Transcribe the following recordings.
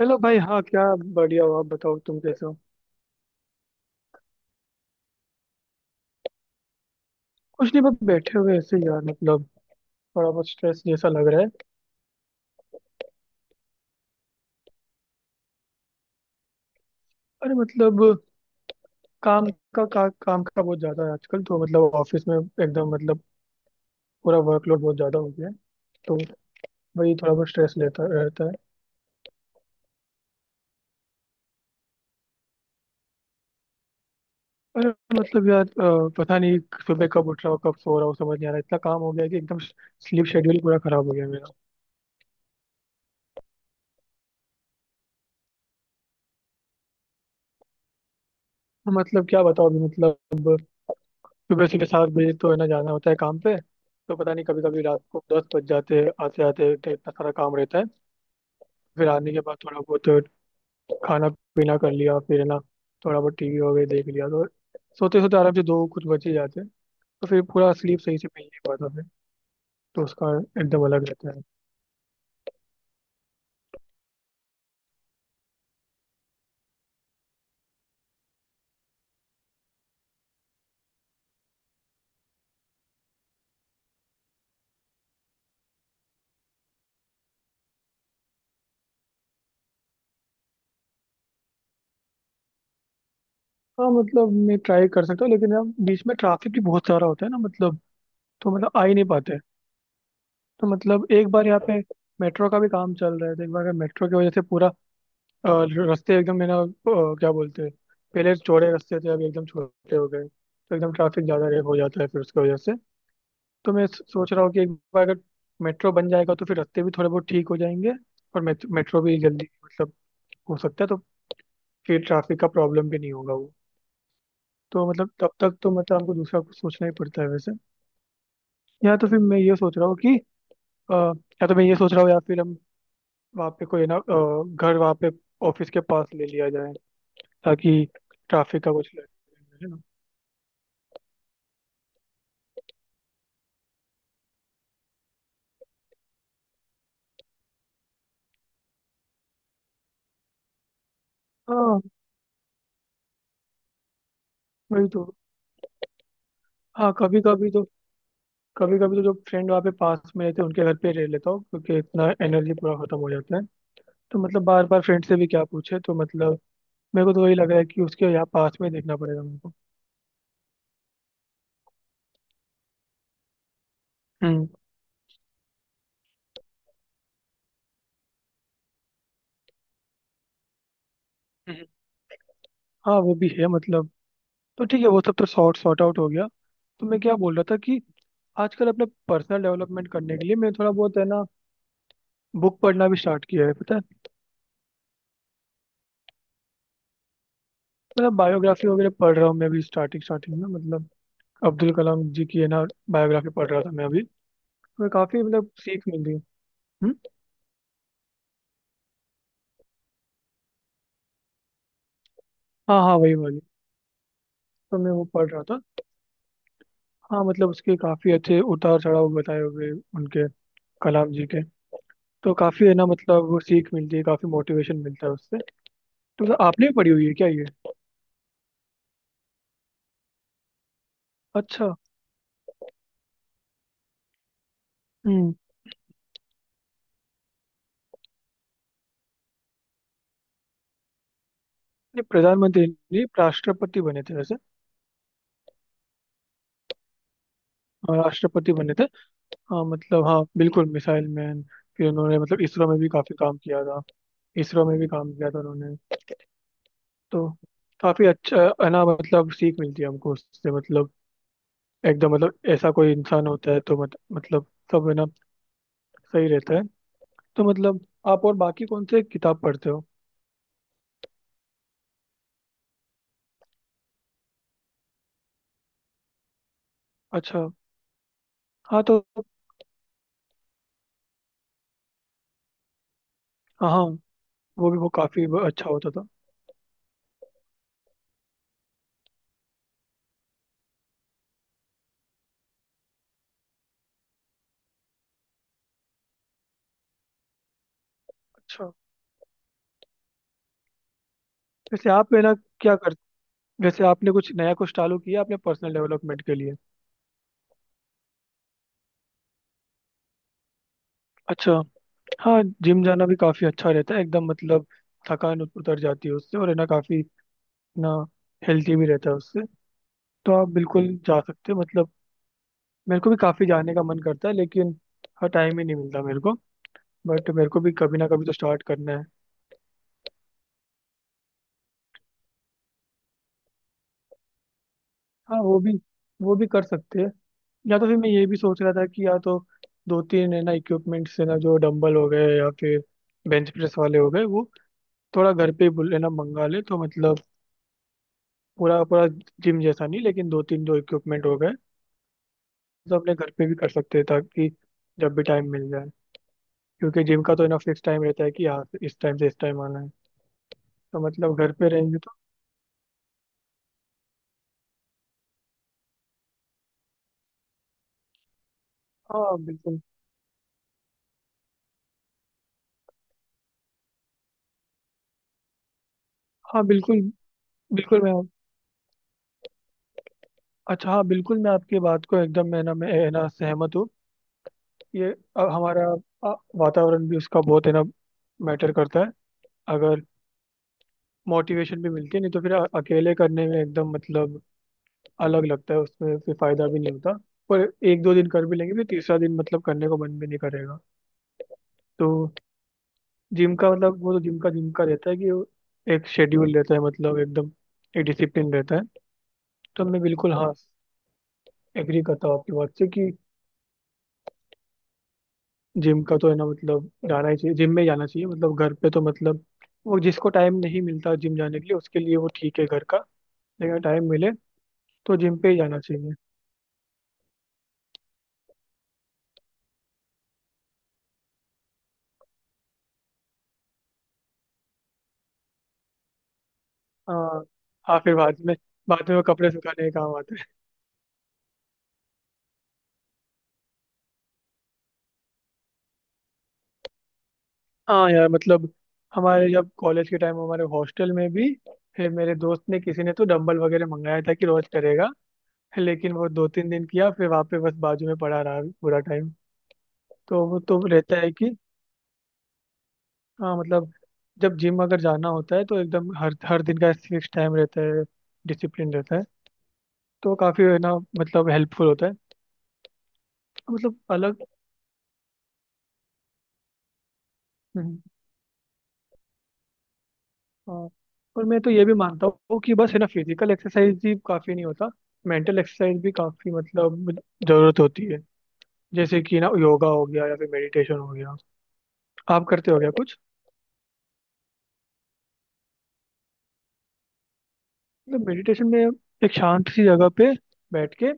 Hello भाई। हाँ क्या? बढ़िया हो। आप बताओ तुम कैसे हो। कुछ नहीं, बस बैठे हुए ऐसे ही यार। मतलब थोड़ा बहुत स्ट्रेस जैसा लग रहा है। अरे मतलब काम काम का बहुत ज्यादा है आजकल तो। मतलब ऑफिस में एकदम, मतलब पूरा वर्कलोड बहुत ज्यादा हो गया है। तो वही थोड़ा बहुत स्ट्रेस लेता रहता है। अरे मतलब यार, पता नहीं। सुबह कब उठ रहा हूँ, कब सो रहा हूँ समझ नहीं आ रहा। इतना काम हो गया है कि एकदम स्लीप शेड्यूल पूरा खराब हो गया है मेरा। तो मतलब क्या बताओ अभी। मतलब सुबह सीधे 7 बजे तो है ना, जाना होता है काम पे। तो पता नहीं, कभी कभी रात को 10 बज जाते हैं आते आते, तो इतना सारा काम रहता है। फिर आने के बाद थोड़ा बहुत खाना पीना कर लिया, फिर है ना थोड़ा बहुत टीवी वगैरह देख लिया, तो सोते सोते आराम से 2 कुछ बज ही जाते हैं। तो फिर पूरा स्लीप सही से मिल नहीं पाता फिर। तो उसका एकदम अलग रहता है। हाँ मतलब मैं ट्राई कर सकता हूँ, लेकिन यार बीच में ट्रैफिक भी बहुत सारा होता है ना मतलब। तो मतलब आ ही नहीं पाते। तो मतलब एक बार, यहाँ पे मेट्रो का भी काम चल रहा है, तो एक बार मेट्रो की वजह से पूरा अ, रास्ते एकदम है ना, क्या बोलते हैं, पहले चौड़े रास्ते थे अभी एकदम छोटे हो गए, तो एकदम ट्रैफिक ज़्यादा हो जाता है फिर उसकी वजह से। तो मैं सोच रहा हूँ कि एक बार अगर मेट्रो बन जाएगा तो फिर रास्ते भी थोड़े बहुत ठीक हो जाएंगे, और मेट्रो भी जल्दी मतलब हो सकता है, तो फिर ट्रैफिक का प्रॉब्लम भी नहीं होगा वो। तो मतलब तब तक तो मतलब हमको दूसरा कुछ सोचना ही पड़ता है वैसे। या तो फिर मैं ये सोच रहा हूँ कि, या तो मैं ये सोच रहा हूँ, या फिर हम वहाँ पे कोई ना, घर वहाँ पे ऑफिस के पास ले लिया जाए, ताकि ट्रैफिक का कुछ लगे है ना। हाँ वही तो। हाँ कभी कभी तो जो फ्रेंड वहाँ पे पास में रहते हैं उनके घर पे रह लेता हूँ, क्योंकि इतना एनर्जी पूरा खत्म हो जाता है। तो मतलब बार बार फ्रेंड से भी क्या पूछे, तो मतलब मेरे को तो वही लग रहा है कि उसके यहाँ पास में देखना पड़ेगा मेरे को। हम्म, हम्म। हाँ वो भी है मतलब। तो ठीक है, वो सब तो सॉर्ट सॉर्ट आउट हो गया। तो मैं क्या बोल रहा था कि आजकल अपने पर्सनल डेवलपमेंट करने के लिए मैं थोड़ा बहुत, है ना, बुक पढ़ना भी स्टार्ट किया है पता है। मतलब बायोग्राफी वगैरह पढ़ रहा हूँ मैं अभी स्टार्टिंग स्टार्टिंग में। मतलब अब्दुल कलाम जी की, है ना, बायोग्राफी पढ़ रहा था मैं अभी। और काफी मतलब सीख मिली। हम्म। हाँ हाँ, वही वाली। तो मैं वो पढ़ रहा था। हाँ मतलब उसके काफी अच्छे उतार चढ़ाव बताए हुए, उनके, कलाम जी के। तो काफी, है ना, मतलब वो सीख मिलती है, काफी मोटिवेशन मिलता है उससे। तो मतलब आपने भी पढ़ी हुई है क्या ये? अच्छा। हम्म। ये प्रधानमंत्री नहीं, राष्ट्रपति बने थे वैसे। हाँ, राष्ट्रपति बने थे। हाँ मतलब, हाँ बिल्कुल मिसाइल मैन। फिर उन्होंने मतलब इसरो में भी काफी काम किया था। इसरो में भी काम किया था उन्होंने। तो काफी अच्छा, है ना, मतलब सीख मिलती है हमको उससे मतलब, एकदम मतलब। ऐसा कोई इंसान होता है तो मत, मतलब सब, है ना, सही रहता है। तो मतलब आप और बाकी कौन से किताब पढ़ते हो? अच्छा। हाँ तो। हाँ हाँ, वो काफी अच्छा होता था। अच्छा। वैसे आप है ना क्या कर वैसे आपने कुछ नया कुछ चालू किया अपने पर्सनल डेवलपमेंट के लिए? अच्छा। हाँ जिम जाना भी काफी अच्छा रहता है, एकदम मतलब। थकान उतर जाती है उससे, और है ना काफी, ना, हेल्थी भी रहता है उससे। तो आप बिल्कुल जा सकते हो मतलब। मेरे को भी काफी जाने का मन करता है, लेकिन हाँ टाइम ही नहीं मिलता मेरे को। बट मेरे को भी कभी ना कभी तो स्टार्ट करना है। हाँ, वो भी कर सकते हैं। या तो फिर मैं ये भी सोच रहा था कि या तो दो तीन, है ना, इक्विपमेंट्स, है ना, जो डंबल हो गए या फिर बेंच प्रेस वाले हो गए, वो थोड़ा घर पे ही है ना मंगा ले, तो मतलब पूरा पूरा जिम जैसा नहीं, लेकिन दो तीन जो इक्विपमेंट हो गए। तो अपने घर पे भी कर सकते हैं, ताकि जब भी टाइम मिल जाए। क्योंकि जिम का तो है ना फिक्स टाइम रहता है कि यहाँ से इस टाइम आना है, तो मतलब घर पे रहेंगे तो। हाँ बिल्कुल। हाँ बिल्कुल। बिल्कुल मैं। अच्छा, हाँ बिल्कुल, मैं आपकी बात को एकदम, मैं ना, मैं, है ना, सहमत हूँ। ये हमारा, वातावरण भी उसका बहुत, है ना, मैटर करता है। अगर मोटिवेशन भी मिलती है, नहीं तो फिर अकेले करने में एकदम मतलब अलग लगता है, उसमें फिर फायदा भी नहीं होता। पर एक दो दिन कर भी लेंगे, फिर तीसरा दिन मतलब करने को मन भी नहीं करेगा। तो जिम का मतलब, वो तो जिम का रहता है कि वो एक शेड्यूल रहता है, मतलब एकदम एक डिसिप्लिन रहता है। तो मैं बिल्कुल हाँ एग्री करता हूँ आपकी बात से कि जिम का तो, है ना, मतलब जाना ही चाहिए, जिम में जाना चाहिए, मतलब घर पे तो मतलब, वो जिसको टाइम नहीं मिलता जिम जाने के लिए, उसके लिए वो ठीक है घर का, लेकिन टाइम मिले तो जिम पे ही जाना चाहिए। हाँ हाँ, फिर बाद में वो कपड़े सुखाने का काम आता है। हाँ यार मतलब, हमारे जब कॉलेज के टाइम हमारे हॉस्टल में भी, फिर मेरे दोस्त ने, किसी ने तो डंबल वगैरह मंगाया था कि रोज करेगा, लेकिन वो दो तीन दिन किया फिर वहाँ पे बस बाजू में पड़ा रहा पूरा टाइम। तो वो तो रहता है कि हाँ मतलब, जब जिम अगर जाना होता है तो एकदम हर हर दिन का फिक्स टाइम रहता है, डिसिप्लिन रहता है, तो काफ़ी, है ना, मतलब हेल्पफुल होता है, तो मतलब अलग। हम्म। हाँ, और मैं तो ये भी मानता हूँ कि बस, है ना, फिजिकल एक्सरसाइज ही काफ़ी नहीं होता, मेंटल एक्सरसाइज भी काफ़ी मतलब ज़रूरत होती है। जैसे कि ना योगा हो गया या फिर मेडिटेशन हो गया, आप करते हो गया कुछ? मतलब मेडिटेशन में एक शांत सी जगह पे बैठ के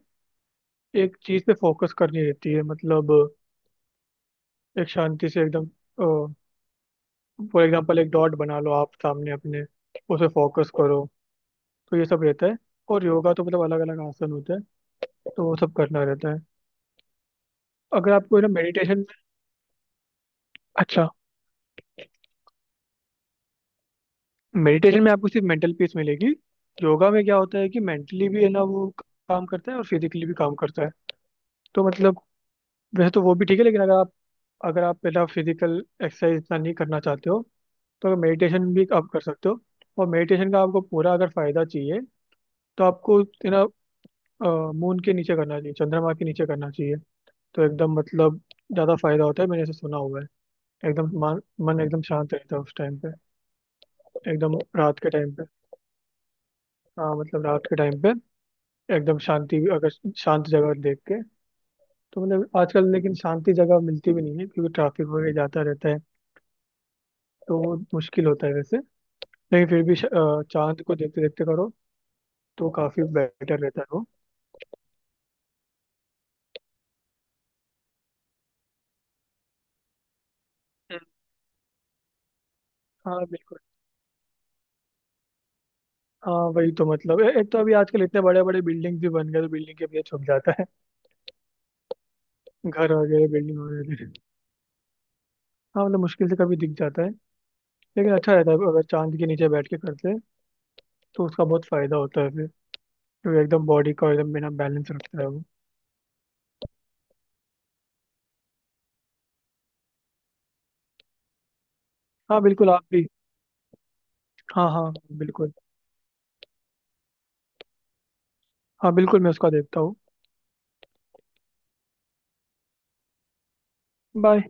एक चीज़ पे फोकस करनी रहती है मतलब, एक शांति से एकदम। फॉर एग्जाम्पल, एक डॉट बना लो आप सामने अपने, उस पे फोकस करो, तो ये सब रहता है। और योगा तो मतलब अलग अलग आसन होते हैं, तो वो सब करना रहता है। अगर आपको है ना मेडिटेशन में। अच्छा। मेडिटेशन में आपको सिर्फ मेंटल पीस मिलेगी। योगा में क्या होता है कि मेंटली भी, है ना, वो काम करता है, और फिजिकली भी काम करता है। तो मतलब वैसे तो वो भी ठीक है, लेकिन अगर आप पहला फिजिकल एक्सरसाइज इतना नहीं करना चाहते हो, तो मेडिटेशन भी आप कर सकते हो। और मेडिटेशन का आपको पूरा अगर फायदा चाहिए, तो आपको है ना मून के नीचे करना चाहिए, चंद्रमा के नीचे करना चाहिए। तो एकदम मतलब ज़्यादा फायदा होता है, मैंने ऐसे सुना हुआ है। एकदम मन, मन एकदम शांत रहता है उस टाइम पे। एकदम रात के टाइम पे। हाँ मतलब रात के टाइम पे एकदम, शांति भी अगर शांत जगह देख के। तो मतलब आजकल लेकिन शांति जगह मिलती भी नहीं है, क्योंकि ट्रैफिक वगैरह जाता रहता है, तो वो मुश्किल होता है वैसे। लेकिन फिर भी चांद को देखते देखते करो तो काफ़ी बेटर रहता है वो। हम्म। हाँ बिल्कुल। हाँ वही तो मतलब, एक तो अभी आजकल इतने बड़े बड़े बिल्डिंग भी बन गए, तो बिल्डिंग के पीछे छुप जाता है, घर वगैरह, बिल्डिंग वगैरह। हाँ मतलब मुश्किल से कभी दिख जाता है। लेकिन अच्छा रहता है अगर चांद के नीचे बैठ के करते हैं, तो उसका बहुत फायदा होता है फिर, क्योंकि एकदम बॉडी का एकदम बिना बैलेंस रखता है वो। हाँ बिल्कुल, आप भी। हाँ हाँ बिल्कुल। हाँ बिल्कुल, मैं उसका देखता हूँ। बाय।